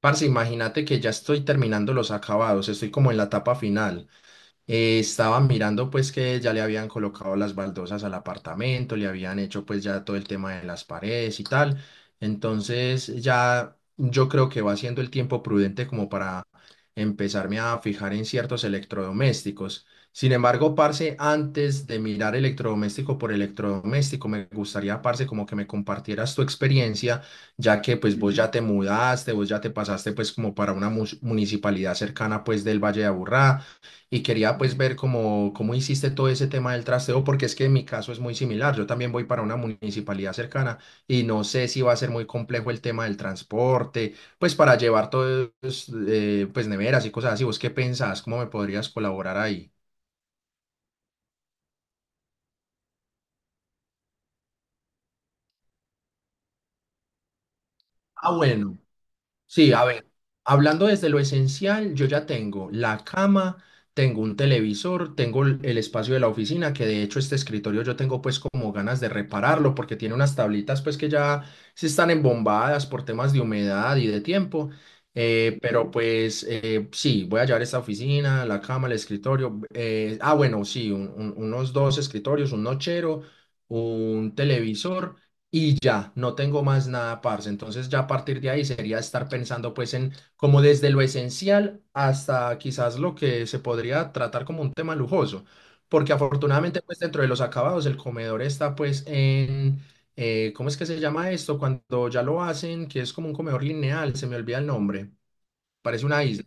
Parce, imagínate que ya estoy terminando los acabados, estoy como en la etapa final. Estaba mirando pues que ya le habían colocado las baldosas al apartamento, le habían hecho pues ya todo el tema de las paredes y tal. Entonces ya yo creo que va siendo el tiempo prudente como para empezarme a fijar en ciertos electrodomésticos. Sin embargo, parce, antes de mirar electrodoméstico por electrodoméstico, me gustaría, parce, como que me compartieras tu experiencia, ya que pues vos ya te mudaste, vos ya te pasaste pues como para una municipalidad cercana pues del Valle de Aburrá y quería pues ver cómo, cómo hiciste todo ese tema del trasteo, porque es que en mi caso es muy similar. Yo también voy para una municipalidad cercana y no sé si va a ser muy complejo el tema del transporte, pues para llevar todos, pues neveras y cosas así. ¿Vos qué pensás? ¿Cómo me podrías colaborar ahí? Ah, bueno. Sí, a ver, hablando desde lo esencial, yo ya tengo la cama, tengo un televisor, tengo el espacio de la oficina, que de hecho este escritorio yo tengo pues como ganas de repararlo porque tiene unas tablitas pues que ya se están embombadas por temas de humedad y de tiempo, pero pues sí, voy a llevar esta oficina, la cama, el escritorio, ah bueno, sí, unos 2 escritorios, un nochero, un televisor y ya, no tengo más nada, parce. Entonces ya a partir de ahí sería estar pensando pues en como desde lo esencial hasta quizás lo que se podría tratar como un tema lujoso, porque afortunadamente pues dentro de los acabados el comedor está pues en, ¿cómo es que se llama esto? Cuando ya lo hacen, que es como un comedor lineal, se me olvida el nombre, parece una isla.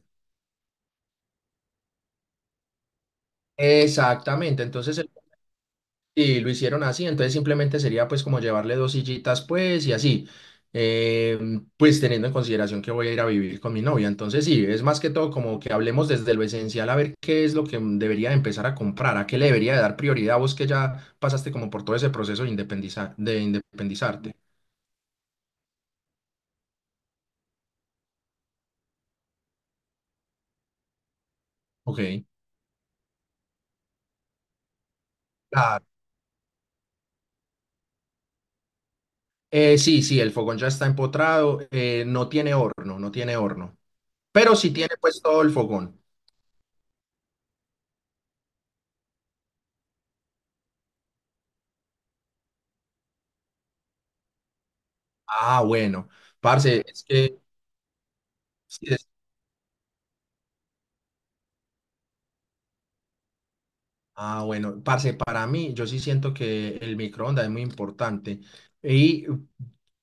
Exactamente, entonces el Y lo hicieron así, entonces simplemente sería pues como llevarle 2 sillitas pues y así, pues teniendo en consideración que voy a ir a vivir con mi novia, entonces sí, es más que todo como que hablemos desde lo esencial a ver qué es lo que debería empezar a comprar, a qué le debería dar prioridad vos que ya pasaste como por todo ese proceso de independizar, de independizarte. Ok. Claro. Sí, sí, el fogón ya está empotrado, no tiene horno, no tiene horno, pero sí tiene pues todo el fogón. Ah, bueno, parce, es que... sí, Ah, bueno, parce, para mí, yo sí siento que el microondas es muy importante. Y,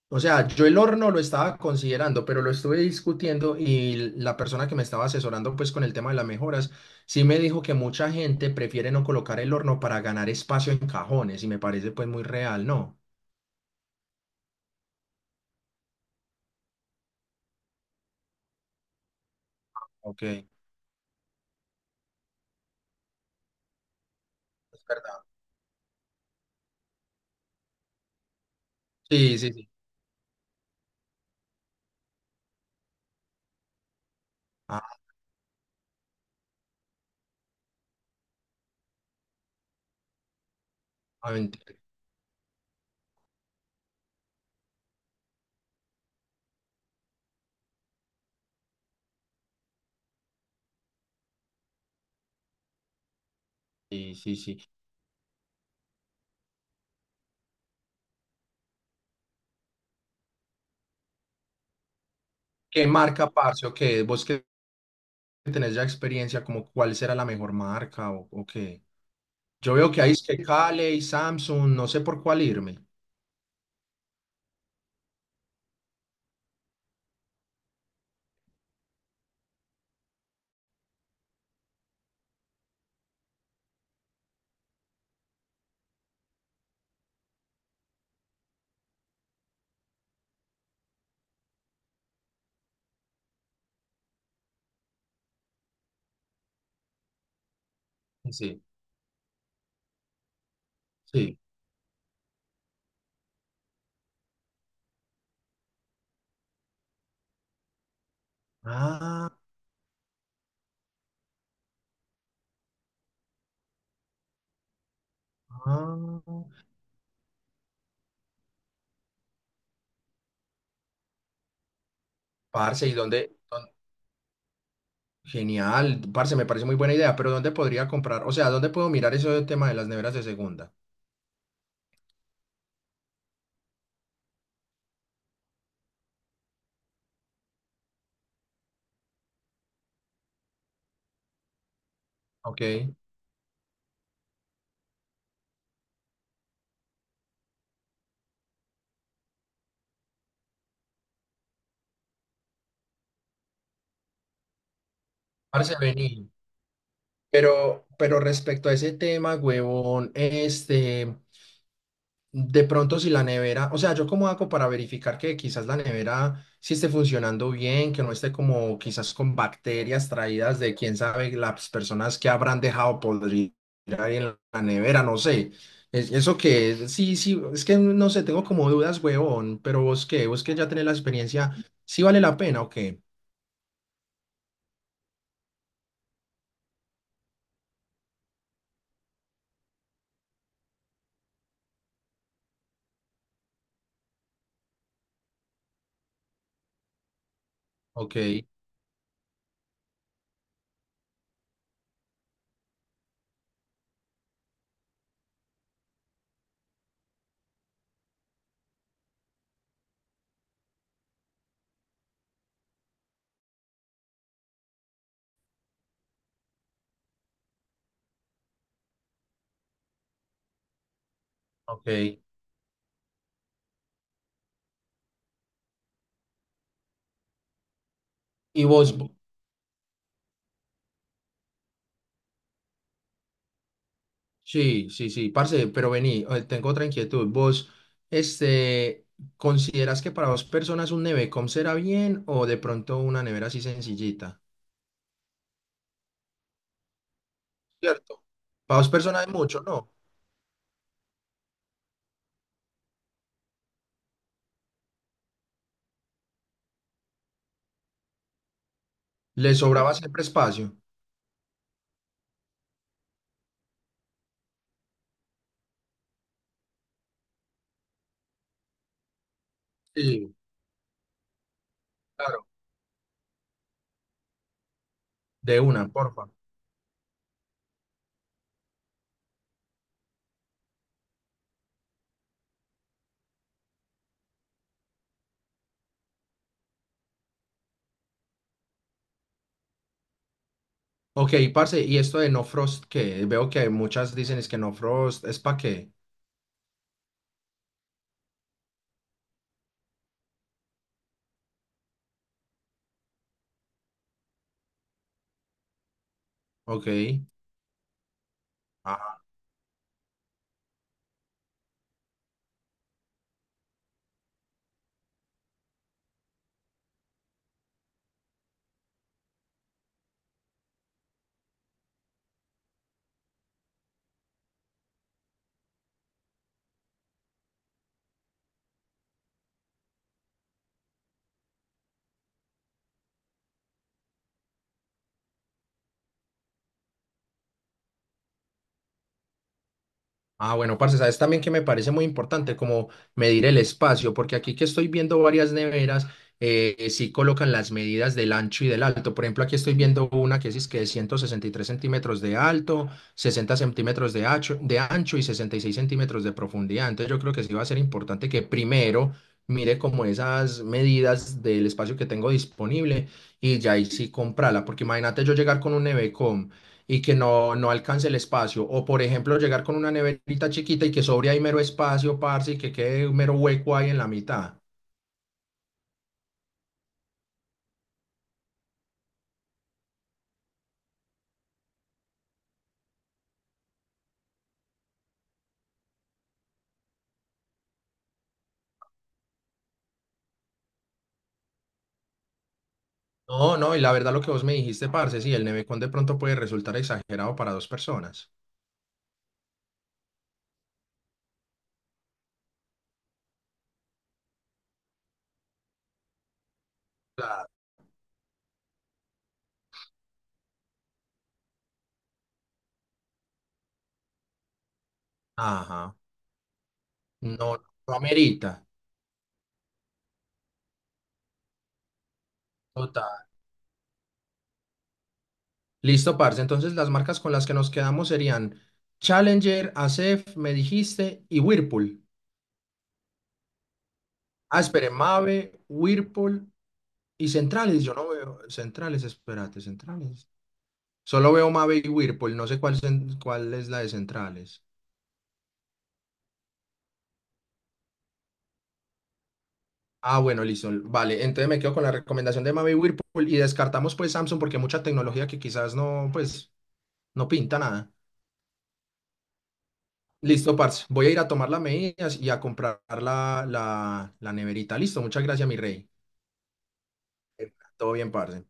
o sea, yo el horno lo estaba considerando, pero lo estuve discutiendo y la persona que me estaba asesorando, pues, con el tema de las mejoras, sí me dijo que mucha gente prefiere no colocar el horno para ganar espacio en cajones y me parece, pues, muy real, ¿no? Ok, es verdad. Sí, sí, sí. Ah, ah, mentira. Sí, sí, sí. ¿Qué marca, parce, o qué? ¿Vos que tenés ya experiencia, como cuál será la mejor marca o qué? Yo veo que hay es que Cale, Samsung, no sé por cuál irme. Sí, sí. Ah, ah. Parce, Genial, parce, me parece muy buena idea, pero ¿dónde podría comprar? O sea, ¿dónde puedo mirar eso del tema de las neveras de segunda? Ok. Parce, vení. Pero respecto a ese tema, huevón, este. De pronto si la nevera, o sea, yo cómo hago para verificar que quizás la nevera sí esté funcionando bien, que no esté como quizás con bacterias traídas de quién sabe las personas que habrán dejado podrir ahí en la nevera, no sé. Es, eso que, es? Sí, sí, es que no sé, tengo como dudas, huevón, pero vos que ya tenés la experiencia, ¿sí vale la pena o qué? Ok, ok. ¿Y vos? Sí, sí, sí, parce, pero vení, tengo otra inquietud. Este, ¿considerás que para 2 personas un nevecom será bien o de pronto una nevera así sencillita? Cierto. Para dos personas es mucho, ¿no? Le sobraba siempre espacio. Sí, claro. De una, porfa. Ok, parce, ¿y esto de no frost qué? Veo que muchas dicen es que no frost, ¿es para qué? Ok. Ah, bueno, parce, sabes también que me parece muy importante como medir el espacio, porque aquí que estoy viendo varias neveras, sí colocan las medidas del ancho y del alto. Por ejemplo, aquí estoy viendo una que es que de 163 cm de alto, 60 cm de ancho y 66 cm de profundidad. Entonces yo creo que sí va a ser importante que primero mire como esas medidas del espacio que tengo disponible y ya ahí sí comprarla, porque imagínate yo llegar con un nevecom y que no, no alcance el espacio. O por ejemplo, llegar con una neverita chiquita y que sobre ahí mero espacio, parce, y que quede un mero hueco ahí en la mitad. No, no, y la verdad lo que vos me dijiste, parce, sí, el nevecón de pronto puede resultar exagerado para 2 personas. Claro. Ajá. No, no amerita. Total. Listo, parce. Entonces las marcas con las que nos quedamos serían Challenger, Acef me dijiste, y Whirlpool. Ah, espere, Mave, Whirlpool y Centrales. Yo no veo Centrales, espérate, Centrales. Solo veo Mave y Whirlpool, no sé cuál, cuál es la de centrales. Ah, bueno, listo. Vale, entonces me quedo con la recomendación de Mave y Whirlpool y descartamos pues Samsung porque hay mucha tecnología que quizás no, pues, no pinta nada. Listo, parce. Voy a ir a tomar las medidas y a comprar la neverita. Listo, muchas gracias, mi rey. Todo bien, parce.